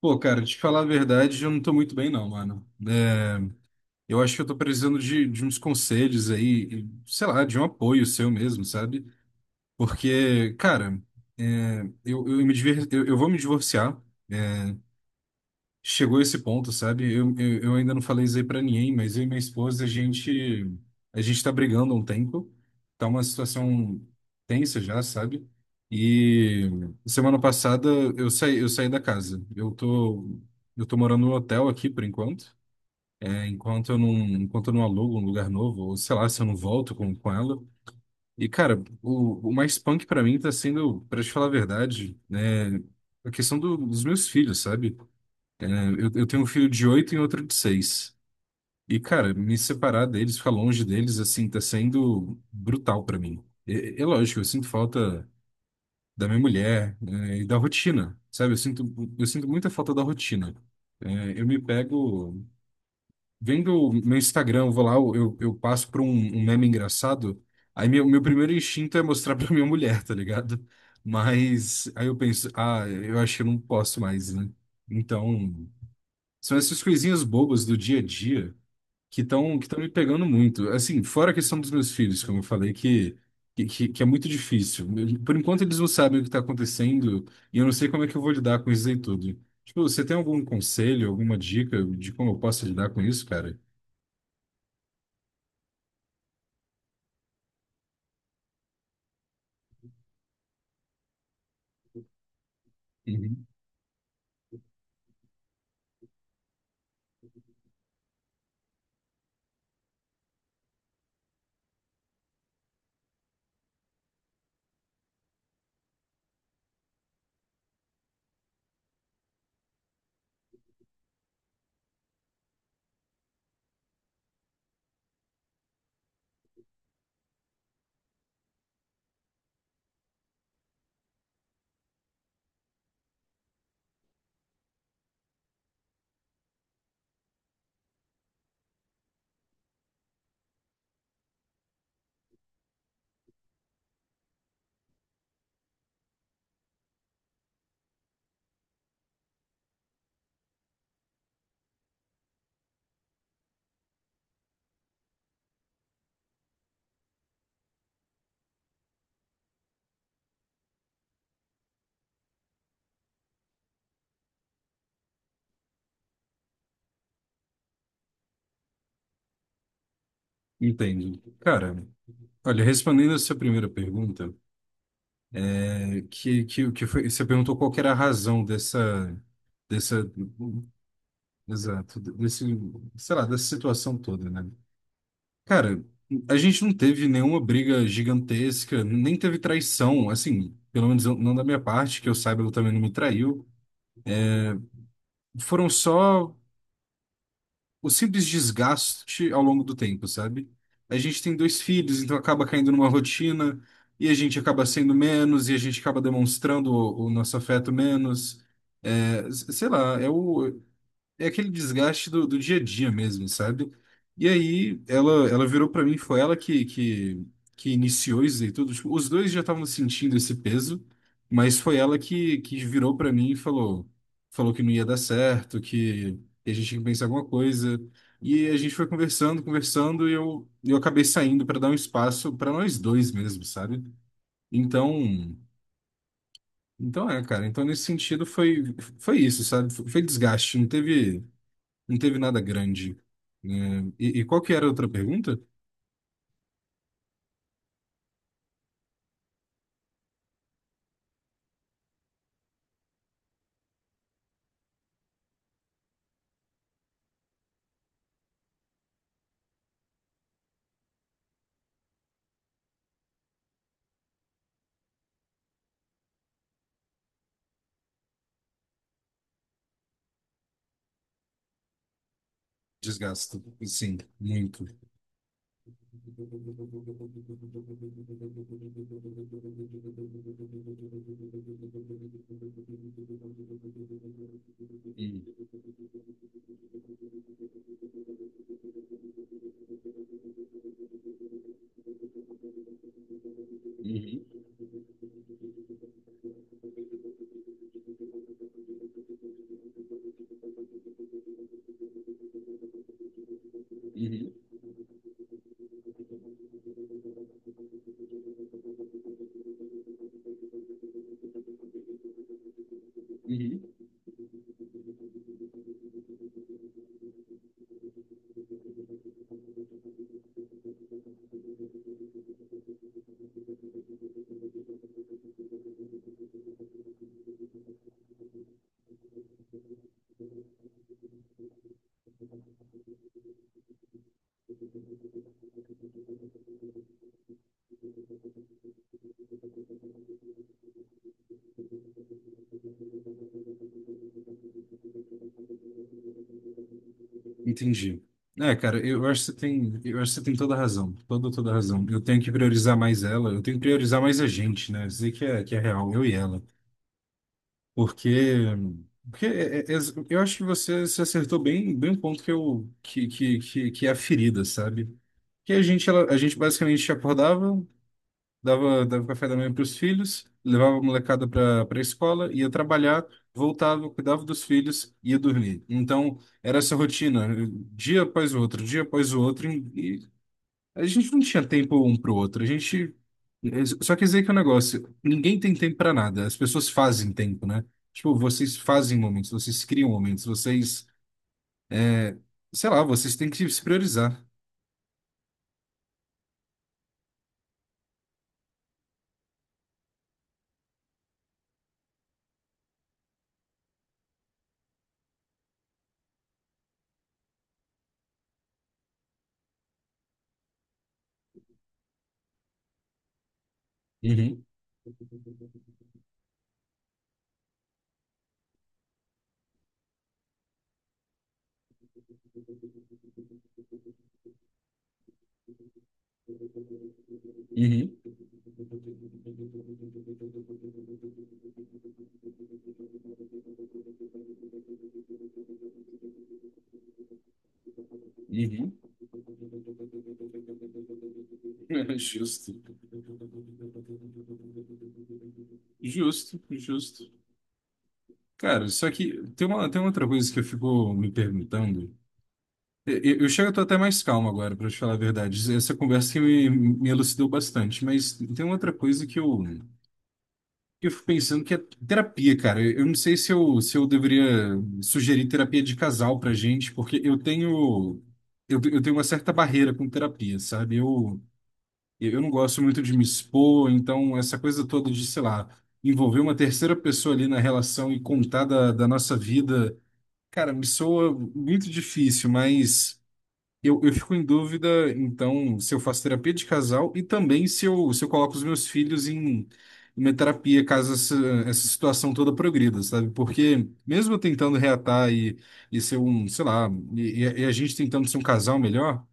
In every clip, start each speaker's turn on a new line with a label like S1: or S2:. S1: Pô, cara, te falar a verdade, eu não tô muito bem, não, mano. Eu acho que eu tô precisando de uns conselhos aí, e, sei lá, de um apoio seu mesmo, sabe? Porque, cara, eu vou me divorciar, chegou esse ponto, sabe? Eu ainda não falei isso aí pra ninguém, mas eu e minha esposa, a gente tá brigando há um tempo, tá uma situação tensa já, sabe? E semana passada eu saí da casa. Eu tô morando no hotel aqui por enquanto, né? Enquanto eu não alugo um lugar novo, ou sei lá, se eu não volto com ela. E, cara, o mais punk pra mim tá sendo, pra te falar a verdade, né? A questão dos meus filhos, sabe? Eu tenho um filho de 8 e outro de 6. E, cara, me separar deles, ficar longe deles, assim, tá sendo brutal pra mim. É, é lógico, eu sinto falta da minha mulher, né, e da rotina, sabe? Eu sinto muita falta da rotina. É, eu me pego vendo o meu Instagram, eu vou lá, eu passo por um meme engraçado, aí meu primeiro instinto é mostrar pra minha mulher, tá ligado? Mas aí eu penso, ah, eu acho que eu não posso mais, né? Então, são essas coisinhas bobas do dia a dia que estão me pegando muito. Assim, fora a questão dos meus filhos, como eu falei, que é muito difícil. Por enquanto eles não sabem o que está acontecendo e eu não sei como é que eu vou lidar com isso aí tudo. Tipo, você tem algum conselho, alguma dica de como eu posso lidar com isso, cara? Uhum. Entendo. Cara, olha, respondendo a sua primeira pergunta, é, que foi, você perguntou qual que era a razão dessa, exato, desse, sei lá, dessa situação toda, né? Cara, a gente não teve nenhuma briga gigantesca, nem teve traição, assim, pelo menos não da minha parte, que eu saiba, ela também não me traiu. Foram só o simples desgaste ao longo do tempo, sabe? A gente tem dois filhos, então acaba caindo numa rotina, e a gente acaba sendo menos, e a gente acaba demonstrando o nosso afeto menos. É, sei lá, é aquele desgaste do dia a dia mesmo, sabe? E aí ela virou pra mim, foi ela que iniciou isso e tudo. Tipo, os dois já estavam sentindo esse peso, mas foi ela que virou pra mim e falou, falou que não ia dar certo, que, a gente tinha que pensar em alguma coisa. E a gente foi conversando, conversando, e eu acabei saindo pra dar um espaço pra nós dois mesmo, sabe? Então, então é, cara. Então nesse sentido foi, foi isso, sabe? Foi desgaste, não teve. Não teve nada grande, né? E qual que era a outra pergunta? Desgasto. Sim, muito. Hum. Uhum, uhum, uhum. Entendi. É, cara, eu acho que você tem toda a razão, toda a razão. Eu tenho que priorizar mais ela, eu tenho que priorizar mais a gente, né? Dizer que é real, eu e ela. Porque, porque é- é- é- eu acho que você se acertou bem, bem um ponto que que é a ferida, sabe? Que a gente basicamente acordava, dava café da manhã para os filhos, levava a molecada para a escola, ia trabalhar, voltava, cuidava dos filhos, ia dormir. Então, era essa rotina, dia após o outro, dia após o outro, e a gente não tinha tempo um para o outro. A gente. É, só quer dizer que é um negócio, ninguém tem tempo para nada, as pessoas fazem tempo, né? Tipo, vocês fazem momentos, vocês criam momentos, vocês, sei lá, vocês têm que se priorizar. Uhum. Uhum. Uhum. Justo. Justo, justo. Cara, só que tem uma outra coisa que eu fico me perguntando. Eu tô até mais calmo agora, pra te falar a verdade. Essa conversa me elucidou bastante, mas tem uma outra coisa que que eu fico pensando que é terapia, cara. Eu não sei se eu deveria sugerir terapia de casal pra gente, porque eu tenho, eu tenho uma certa barreira com terapia, sabe? Eu não gosto muito de me expor, então essa coisa toda de, sei lá, envolver uma terceira pessoa ali na relação e contar da nossa vida, cara, me soa muito difícil, mas. Eu fico em dúvida, então, se eu faço terapia de casal e também se eu coloco os meus filhos em em uma terapia caso essa situação toda progrida, sabe? Porque mesmo eu tentando reatar e ser um, sei lá, e a gente tentando ser um casal melhor,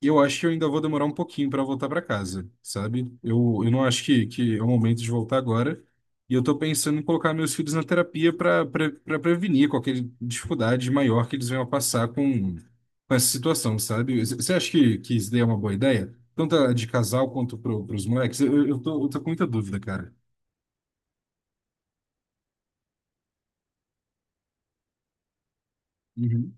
S1: eu acho que eu ainda vou demorar um pouquinho para voltar para casa, sabe? Eu não acho que é o momento de voltar agora. E eu tô pensando em colocar meus filhos na terapia para prevenir qualquer dificuldade maior que eles venham a passar com essa situação, sabe? Você acha que isso daí é uma boa ideia? Tanto a de casal quanto para os moleques? Eu tô com muita dúvida, cara. Uhum.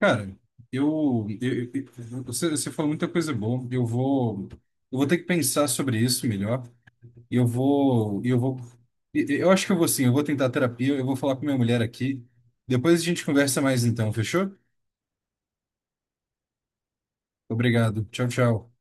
S1: Cara, você falou muita coisa boa. Eu vou ter que pensar sobre isso melhor. Eu vou, eu vou, eu acho que eu vou sim, eu vou tentar terapia, eu vou falar com minha mulher aqui. Depois a gente conversa mais então, fechou? Obrigado. Tchau, tchau.